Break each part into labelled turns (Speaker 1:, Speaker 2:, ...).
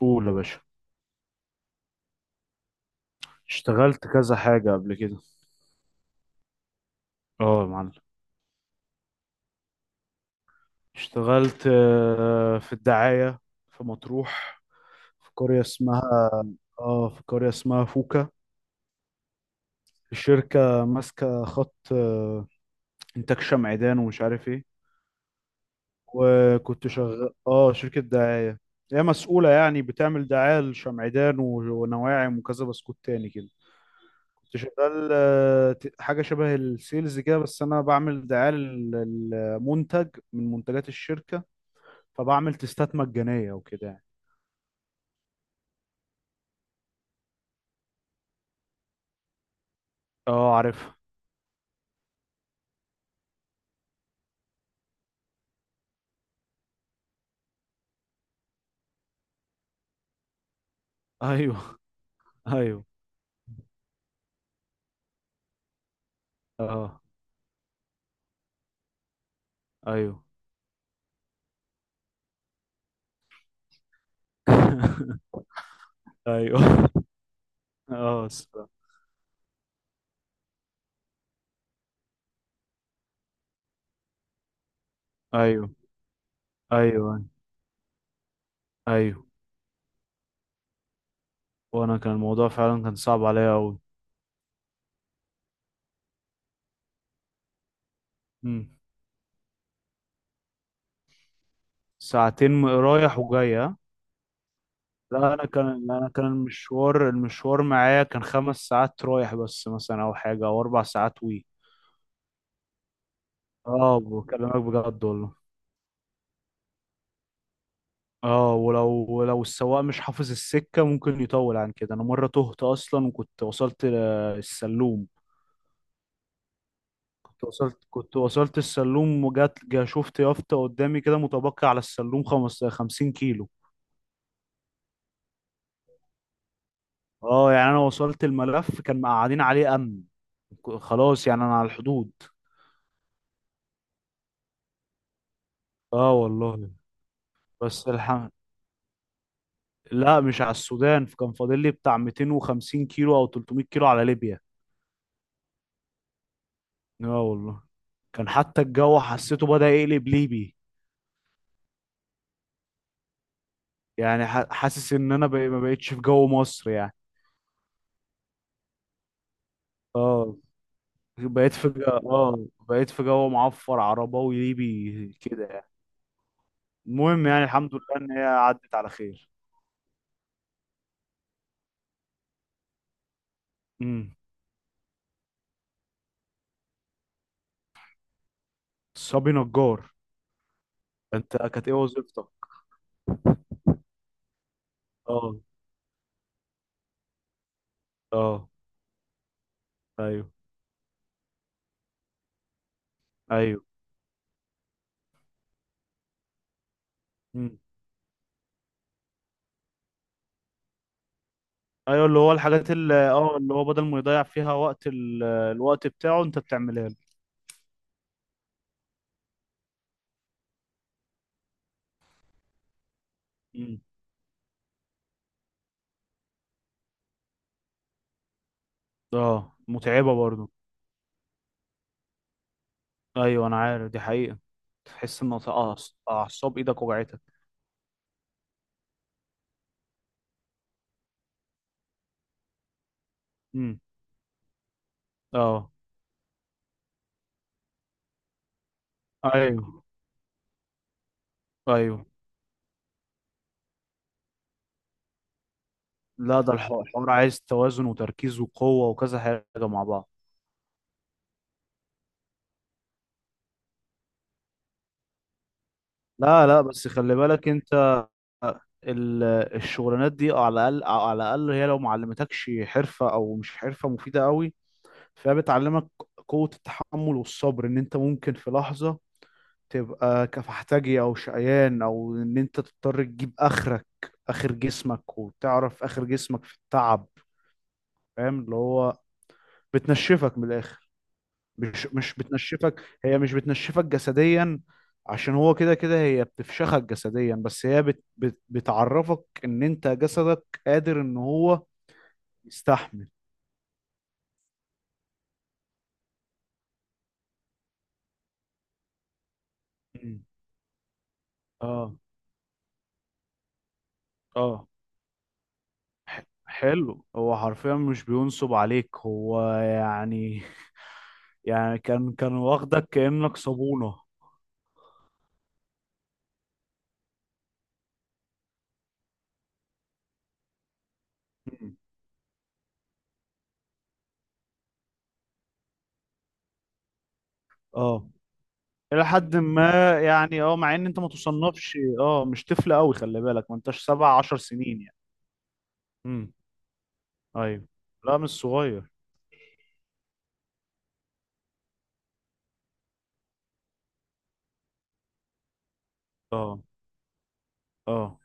Speaker 1: قول يا باشا. اشتغلت كذا حاجة قبل كده. اه يا معلم. اشتغلت في الدعاية. في مطروح. في قرية اسمها اه في قرية اسمها فوكا. الشركة ماسكة خط إنتاج شمعدان، ومش عارف ايه. وكنت شغال شركة دعاية. هي مسؤولة يعني بتعمل دعاية لشمعدان ونواعم وكذا بسكوت تاني كده. كنت شغال حاجة شبه السيلز كده، بس أنا بعمل دعاية للمنتج من منتجات الشركة. فبعمل تستات مجانية وكده يعني. اه عارفها. ايوه، ايوه، اه، ايوه. ايوه، اه الصراحة. ايوه، ايوه، ايوه. وانا كان الموضوع فعلا كان صعب عليا قوي. ساعتين رايح وجاي، ها؟ لا انا كان المشوار معايا كان 5 ساعات رايح، بس مثلا او حاجه او 4 ساعات وي. اه بكلمك بجد والله. اه، ولو السواق مش حافظ السكة ممكن يطول عن كده. انا مرة تهت اصلا وكنت وصلت السلوم. كنت وصلت السلوم، وجات جا شفت يافطة قدامي كده، متبقي على السلوم 50 كيلو. اه يعني انا وصلت، الملف كان مقعدين عليه امن. خلاص يعني انا على الحدود. اه والله. بس الحمد. لا مش على السودان، كان فاضل لي بتاع 250 كيلو او 300 كيلو على ليبيا. اه والله. كان حتى الجو حسيته بدأ يقلب ليبي. يعني حاسس ان انا بقى ما بقتش في جو مصر يعني. اه بقيت في جو اه بقيت في جو معفر عرباوي ليبي كده يعني. المهم يعني الحمد لله ان هي عدت على خير. امم. صبي نجار. انت كانت ايه وظيفتك؟ اه، اه. ايوه، ايوه. امم. ايوه، اللي هو الحاجات اللي هو بدل ما يضيع فيها وقت الوقت بتاعه انت بتعملها له. امم. اه متعبة برضو. ايوه انا عارف دي حقيقة. تحس ان اعصاب ايدك وجعتك. اه، ايوه، ايوح، ايوه. لا ده الحوار عايز توازن وتركيز وقوة وكذا حاجة مع بعض. لا، لا، بس خلي بالك انت. ال- الشغلانات دي على الاقل على الاقل هي لو ما علمتكش حرفه او مش حرفه مفيده قوي، فهي بتعلمك قوه التحمل والصبر. ان انت ممكن في لحظه تبقى كفحتاجي او شقيان، او ان انت تضطر تجيب اخرك، اخر جسمك، وتعرف اخر جسمك في التعب. فاهم اللي هو بتنشفك من الاخر. مش بتنشفك، هي مش بتنشفك جسديا، عشان هو كده كده هي بتفشخك جسديا، بس هي بت بت بتعرفك ان انت جسدك قادر ان هو يستحمل. مم. اه، اه، حلو. هو حرفيا مش بينصب عليك، هو يعني يعني كان واخدك كأنك صابونة. مم. اه الى حد ما يعني، مع ان انت ما تصنفش، مش طفل قوي. خلي بالك ما انتش 17 سنين يعني. مم. ايوه. لا مش صغير. اه، اه.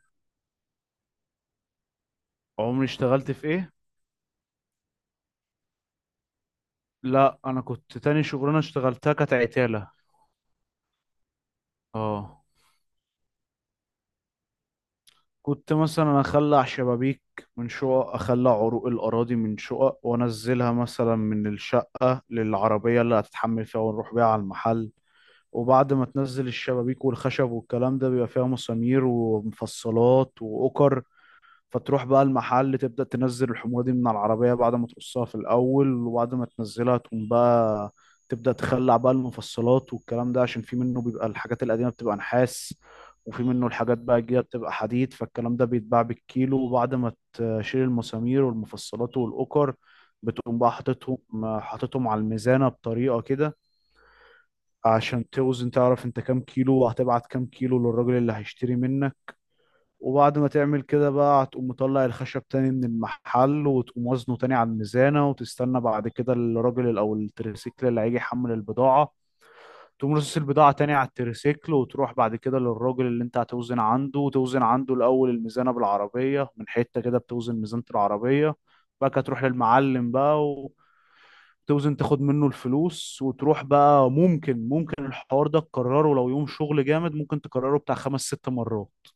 Speaker 1: عمري اشتغلت في ايه؟ لا انا كنت تاني شغلانه اشتغلتها كانت عتاله. اه. كنت مثلا اخلع شبابيك من شقق، اخلع عروق الاراضي من شقق، وانزلها مثلا من الشقه للعربيه اللي هتتحمل فيها، ونروح بيها على المحل. وبعد ما تنزل الشبابيك والخشب والكلام ده، بيبقى فيها مسامير ومفصلات واوكر، فتروح بقى المحل تبدأ تنزل الحموضة دي من على العربية بعد ما تقصها في الأول. وبعد ما تنزلها تقوم بقى تبدأ تخلع بقى المفصلات والكلام ده، عشان في منه بيبقى الحاجات القديمة بتبقى نحاس، وفي منه الحاجات بقى الجديدة بتبقى حديد، فالكلام ده بيتباع بالكيلو. وبعد ما تشيل المسامير والمفصلات والأكر، بتقوم بقى حاططهم، حاططهم على الميزانة بطريقة كده، عشان توزن تعرف انت كام كيلو وهتبعت كام كيلو للراجل اللي هيشتري منك. وبعد ما تعمل كده بقى، هتقوم مطلع الخشب تاني من المحل وتقوم وزنه تاني على الميزانة، وتستنى بعد كده الراجل أو التريسيكل اللي هيجي يحمل البضاعة. تقوم رصص البضاعة تاني على التريسيكل، وتروح بعد كده للراجل اللي انت هتوزن عنده، وتوزن عنده الأول الميزانة بالعربية، من حتة كده بتوزن ميزانة العربية، بقى تروح للمعلم بقى وتوزن تاخد منه الفلوس. وتروح بقى، ممكن الحوار ده تكرره لو يوم شغل جامد، ممكن تكرره بتاع خمس ست مرات.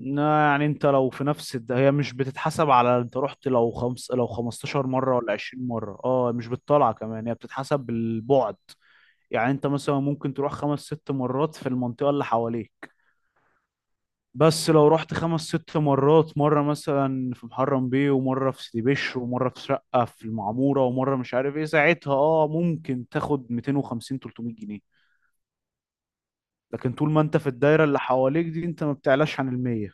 Speaker 1: يعني انت لو في نفس هي مش بتتحسب على انت رحت لو خمس لو 15 مرة ولا 20 مرة، اه مش بالطلعة كمان هي بتتحسب بالبعد. يعني انت مثلا ممكن تروح خمس ست مرات في المنطقة اللي حواليك، بس لو رحت خمس ست مرات، مرة مثلا في محرم بيه، ومرة في سيدي بشر، ومرة في شقة في المعمورة، ومرة مش عارف ايه ساعتها، اه ممكن تاخد 250 300 جنيه. لكن طول ما انت في الدايرة اللي حواليك دي انت ما بتعلاش عن المية.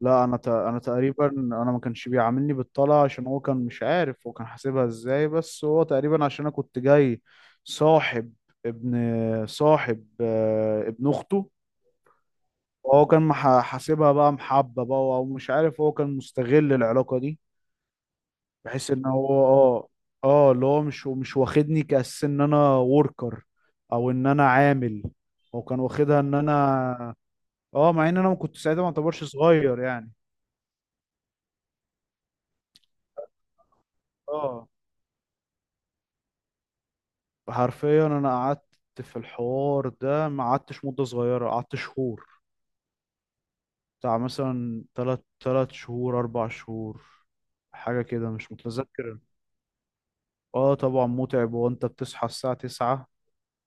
Speaker 1: لا انا تقريبا انا ما كانش بيعاملني بالطلعه، عشان هو كان مش عارف هو كان حاسبها ازاي، بس هو تقريبا عشان انا كنت جاي صاحب، ابن صاحب، ابن اخته. هو كان حاسبها بقى محبه بقى، او مش عارف، هو كان مستغل العلاقه دي، بحيث ان هو اه اللي هو مش واخدني كأس ان انا وركر، او ان انا عامل. هو كان واخدها ان انا، اه مع ان انا ما كنت ساعتها ما اعتبرش صغير يعني. اه، حرفيا انا قعدت في الحوار ده ما قعدتش مدة صغيرة، قعدت شهور، بتاع مثلا تلات تلات شهور اربع شهور، حاجة كده مش متذكر. اه طبعا متعب، وانت بتصحى الساعة 9،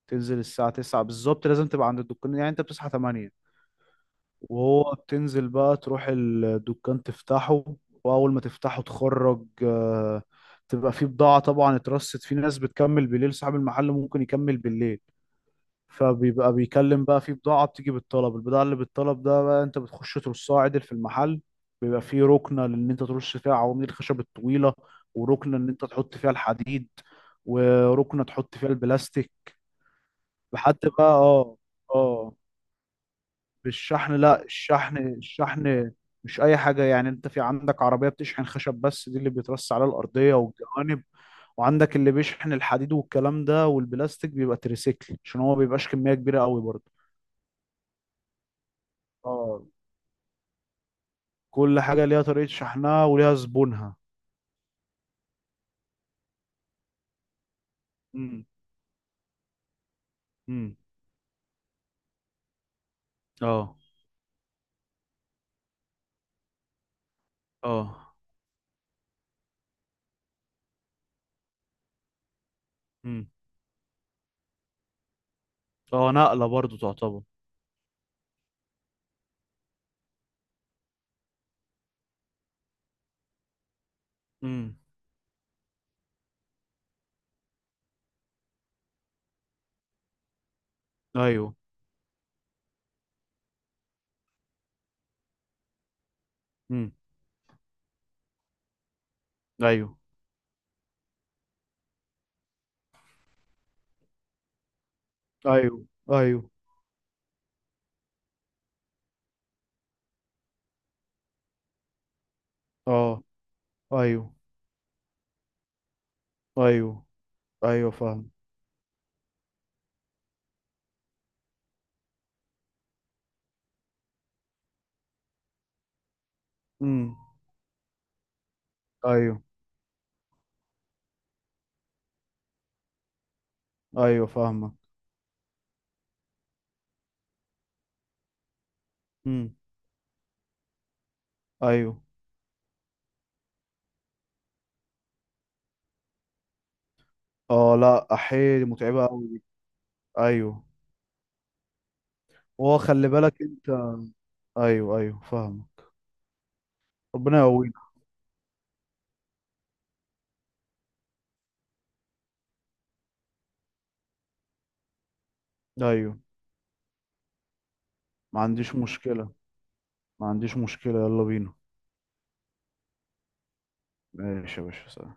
Speaker 1: تنزل الساعة 9 بالظبط لازم تبقى عند الدكان، يعني انت بتصحى 8. وهو بتنزل بقى تروح الدكان تفتحه، واول ما تفتحه تخرج تبقى فيه بضاعة طبعا اترصت، في ناس بتكمل بالليل، صاحب المحل ممكن يكمل بالليل، فبيبقى بيكلم بقى، في بضاعة بتيجي بالطلب، البضاعة اللي بالطلب ده بقى انت بتخش ترصها عدل في المحل. بيبقى فيه ركنة ان انت ترص فيها عواميد الخشب الطويلة، وركنة ان انت تحط فيها الحديد، وركنة تحط فيها البلاستيك. لحد بقى، اه، اه. بالشحن، لا الشحن مش اي حاجة. يعني انت في عندك عربية بتشحن خشب بس، دي اللي بيترص على الأرضية والجوانب، وعندك اللي بيشحن الحديد والكلام ده، والبلاستيك بيبقى تريسيكل عشان هو ما بيبقاش كمية كبيرة قوي برضه. اه، كل حاجة ليها طريقة شحنها وليها زبونها. امم، امم، اه، اه، امم، اه نقلة برضو تعتبر. امم، ايوه، امم، ايوه، ايوه، ايوه، اه، ايوه، ايوه، ايوه فاهم. امم، ايوه، ايوه فاهمك. امم، ايوه. اه لا احيي، دي متعبة قوي دي. ايوه، هو خلي بالك انت. ايوه، ايوه فاهمك. ربنا يقويك. ايوه، ما عنديش مشكلة، ما عنديش مشكلة، يلا بينا. ماشي يا باشا، سلام.